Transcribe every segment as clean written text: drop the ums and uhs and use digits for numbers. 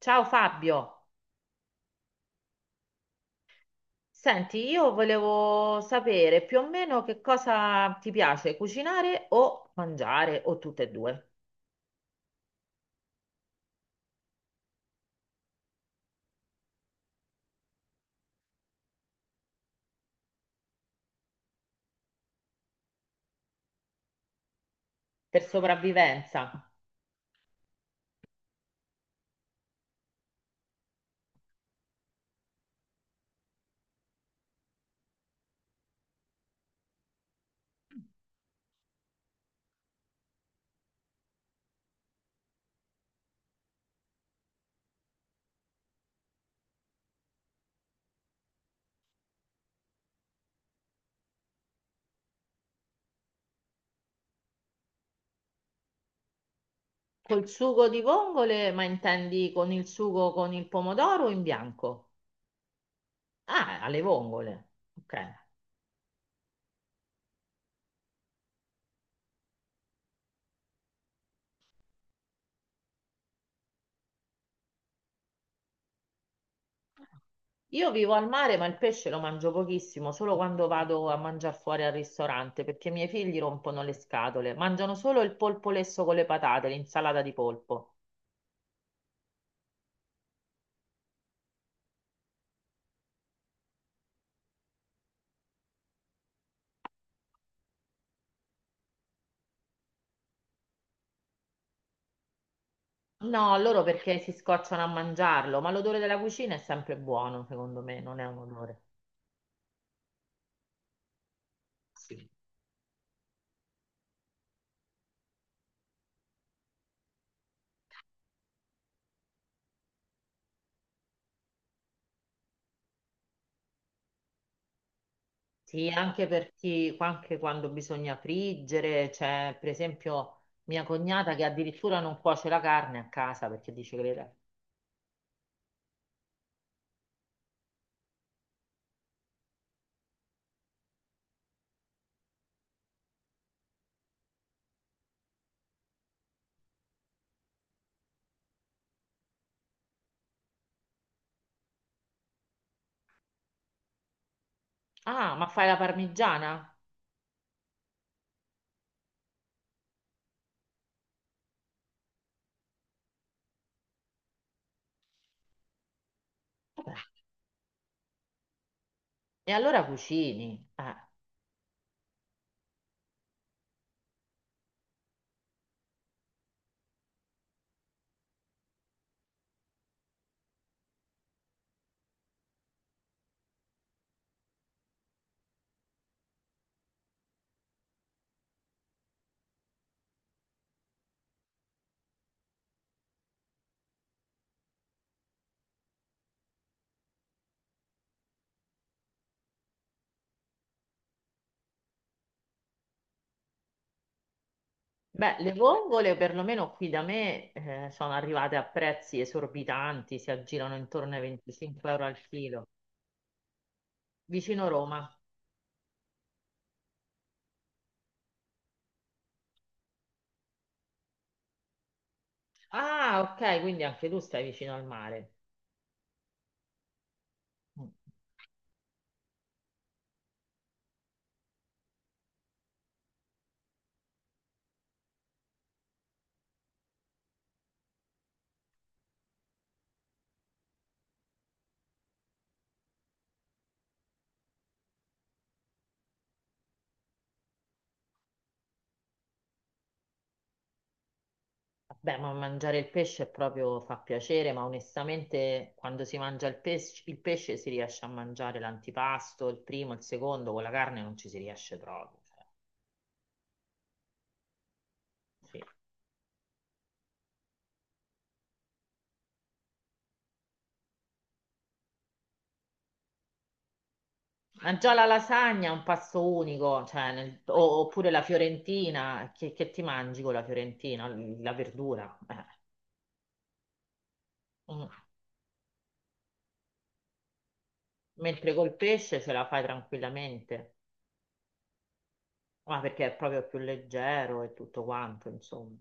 Ciao Fabio, senti, io volevo sapere più o meno che cosa ti piace cucinare o mangiare o tutte e due per sopravvivenza. Col sugo di vongole, ma intendi con il sugo con il pomodoro o in bianco? Ah, alle vongole. Ok. Io vivo al mare, ma il pesce lo mangio pochissimo, solo quando vado a mangiare fuori al ristorante, perché i miei figli rompono le scatole. Mangiano solo il polpo lesso con le patate, l'insalata di polpo. No, loro perché si scocciano a mangiarlo, ma l'odore della cucina è sempre buono, secondo me, non è un odore. Sì. Sì, anche per chi, anche quando bisogna friggere, c'è per esempio mia cognata che addirittura non cuoce la carne a casa perché dice che le- Ah, ma fai la parmigiana? E allora cucini. Beh, le vongole perlomeno qui da me sono arrivate a prezzi esorbitanti, si aggirano intorno ai 25 euro al chilo, vicino Roma. Ah, ok, quindi anche tu stai vicino al mare. Mm. Vabbè, ma mangiare il pesce proprio fa piacere, ma onestamente quando si mangia il pesce si riesce a mangiare l'antipasto, il primo, il secondo, con la carne non ci si riesce proprio. Cioè, sì. Ma già la lasagna è un pasto unico, cioè, nel- o- oppure la fiorentina, che ti mangi con la fiorentina? La verdura. Eh. Mm. Mentre col pesce ce la fai tranquillamente, ma perché è proprio più leggero e tutto quanto, insomma.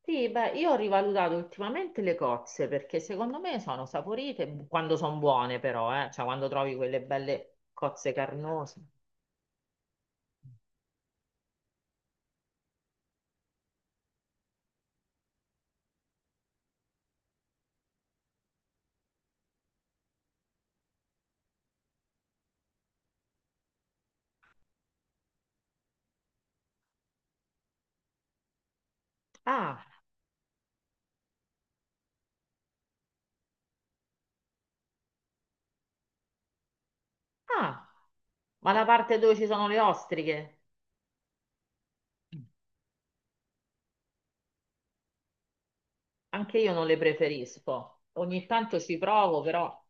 Sì, beh, io ho rivalutato ultimamente le cozze perché secondo me sono saporite bu- quando sono buone, però, cioè quando trovi quelle belle cozze carnose. Ah, ah, ma la parte dove ci sono le ostriche, anche io non le preferisco. Ogni tanto ci provo, però.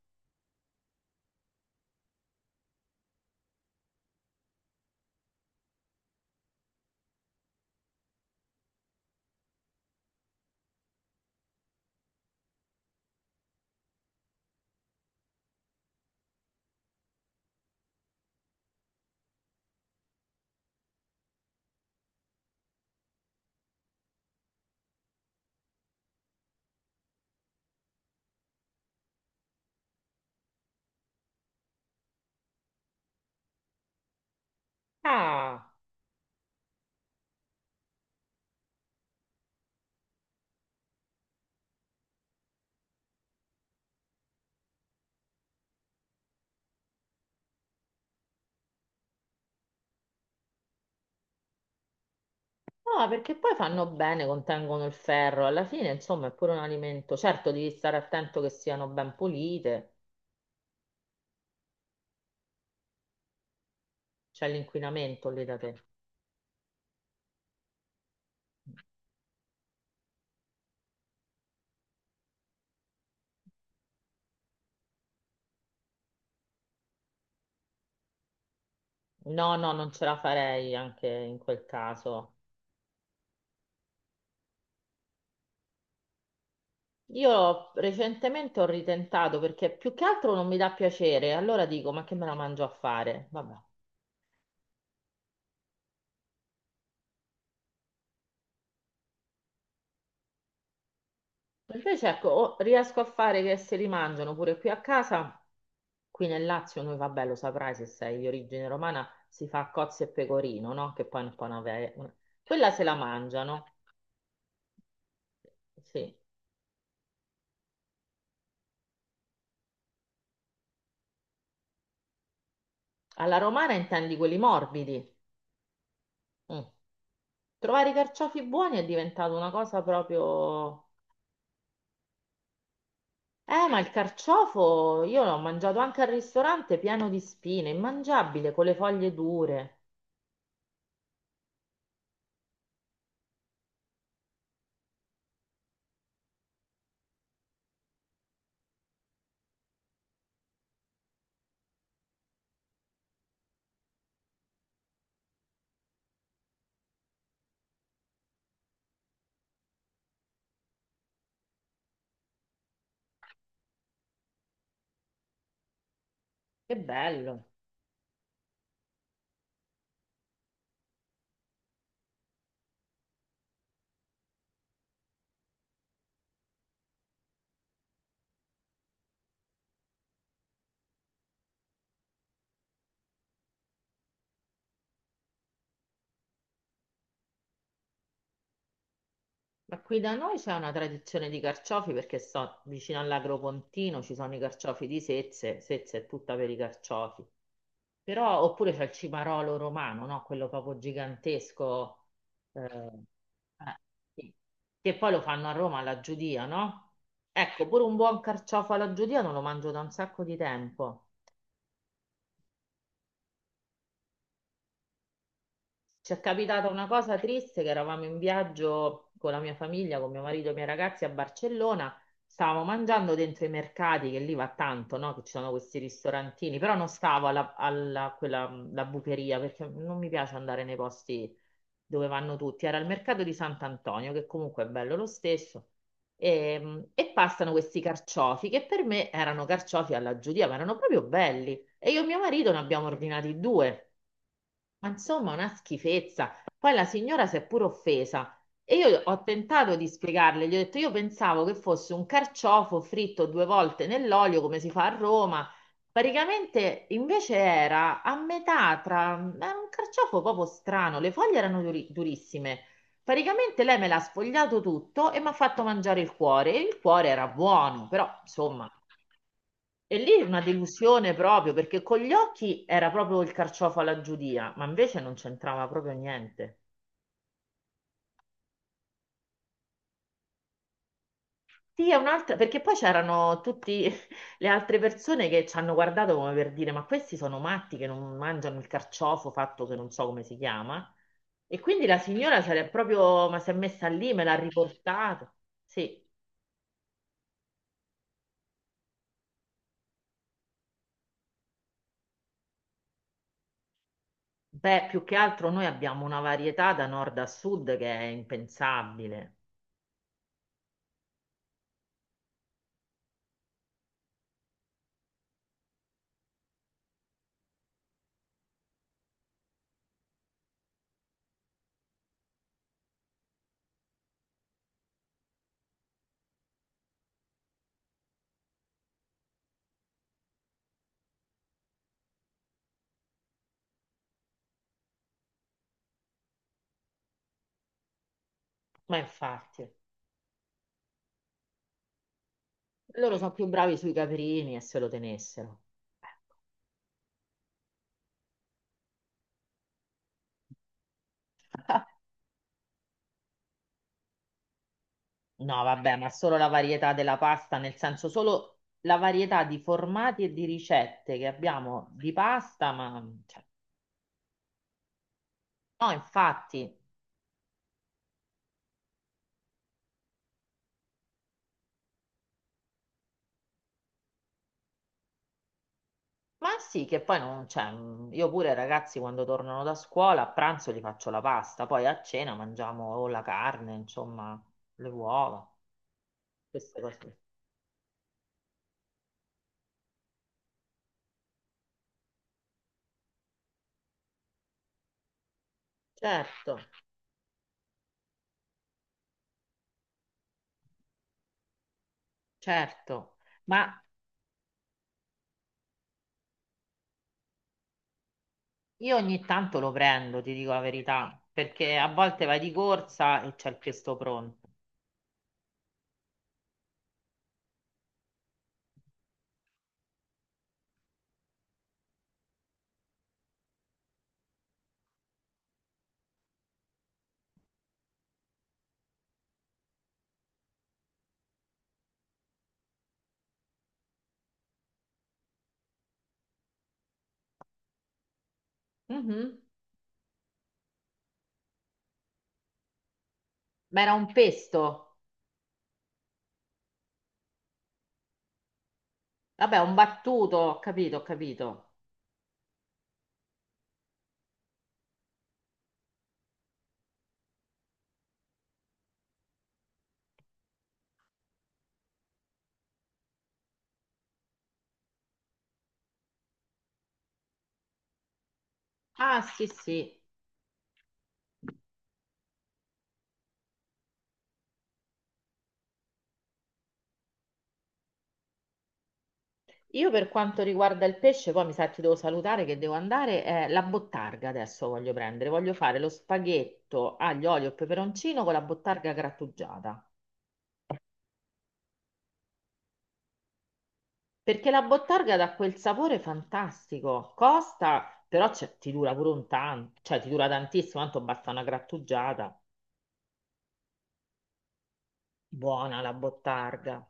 Ah, no, perché poi fanno bene, contengono il ferro. Alla fine, insomma, è pure un alimento. Certo, devi stare attento che siano ben pulite. C'è l'inquinamento lì da te. No, no, non ce la farei anche in quel caso. Io recentemente ho ritentato perché più che altro non mi dà piacere, allora dico, ma che me la mangio a fare? Vabbè. Invece ecco, o riesco a fare che se li mangiano pure qui a casa, qui nel Lazio, noi vabbè, lo saprai se sei di origine romana, si fa cozze e pecorino, no? Che poi è un po' una... ve- una- Quella se la mangiano, sì. Alla romana intendi quelli morbidi. Mm. Trovare i carciofi buoni è diventato una cosa proprio ma il carciofo io l'ho mangiato anche al ristorante pieno di spine, immangiabile, con le foglie dure. Che bello. Ma qui da noi c'è una tradizione di carciofi perché sto vicino all'Agropontino, ci sono i carciofi di Sezze, Sezze è tutta per i carciofi. Però, oppure c'è il cimarolo romano, no? Quello proprio gigantesco, eh, eh, sì. Che poi lo fanno a Roma alla Giudia, no? Ecco, pure un buon carciofo alla Giudia non lo mangio da un sacco di tempo. Ci è capitata una cosa triste che eravamo in viaggio con la mia famiglia, con mio marito e i miei ragazzi a Barcellona, stavamo mangiando dentro i mercati, che lì va tanto, no? Che ci sono questi ristorantini, però non stavo alla, quella, la bucheria perché non mi piace andare nei posti dove vanno tutti. Era il mercato di Sant'Antonio, che comunque è bello lo stesso. E passano questi carciofi che per me erano carciofi alla giudia, ma erano proprio belli. E io e mio marito ne abbiamo ordinati due. Ma insomma, una schifezza. Poi la signora si è pure offesa e io ho tentato di spiegarle, gli ho detto io pensavo che fosse un carciofo fritto due volte nell'olio come si fa a Roma. Praticamente invece era a metà tra... era un carciofo proprio strano, le foglie erano durissime. Praticamente lei me l'ha sfogliato tutto e mi ha fatto mangiare il cuore. E il cuore era buono, però insomma, e lì una delusione proprio perché con gli occhi era proprio il carciofo alla giudia, ma invece non c'entrava proprio niente. Sì, è un'altra, perché poi c'erano tutte le altre persone che ci hanno guardato come per dire: Ma questi sono matti che non mangiano il carciofo fatto che non so come si chiama. E quindi la signora se l'è proprio, ma si è messa lì, me l'ha riportato. Sì. Beh, più che altro noi abbiamo una varietà da nord a sud che è impensabile. Ma infatti, loro sono più bravi sui caprini e se lo tenessero. No, vabbè, ma solo la varietà della pasta, nel senso solo la varietà di formati e di ricette che abbiamo di pasta, ma cioè, no, infatti. Ma sì, che poi non c'è. Io pure, ragazzi, quando tornano da scuola, a pranzo gli faccio la pasta, poi a cena mangiamo o la carne, insomma, le uova, queste cose. Certo. Certo, ma io ogni tanto lo prendo, ti dico la verità, perché a volte vai di corsa e c'è il pesto pronto. Mhm. Ma era un pesto? Vabbè, un battuto, ho capito, ho capito. Ah, sì, sì. Io per quanto riguarda il pesce, poi mi sa che ti devo salutare che devo andare, la bottarga adesso voglio prendere, voglio fare lo spaghetto aglio, olio e peperoncino con la bottarga grattugiata. Perché la bottarga dà quel sapore fantastico, costa, però c'è- ti dura pure un tanto, cioè ti dura tantissimo, tanto basta una grattugiata. Buona la bottarga.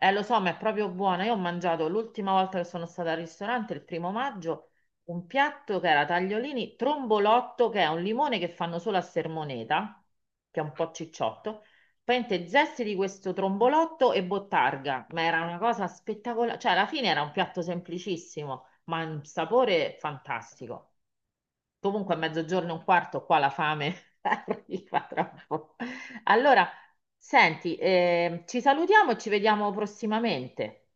Lo so, ma è proprio buona. Io ho mangiato l'ultima volta che sono stata al ristorante, il primo maggio, un piatto che era tagliolini, trombolotto, che è un limone che fanno solo a Sermoneta, che è un po' cicciotto. Praticamente zesti di questo trombolotto e bottarga, ma era una cosa spettacolare. Cioè, alla fine era un piatto semplicissimo, ma un sapore fantastico. Comunque a mezzogiorno e un quarto qua la fame arriva tra un po'. Allora, senti, ci salutiamo e ci vediamo prossimamente.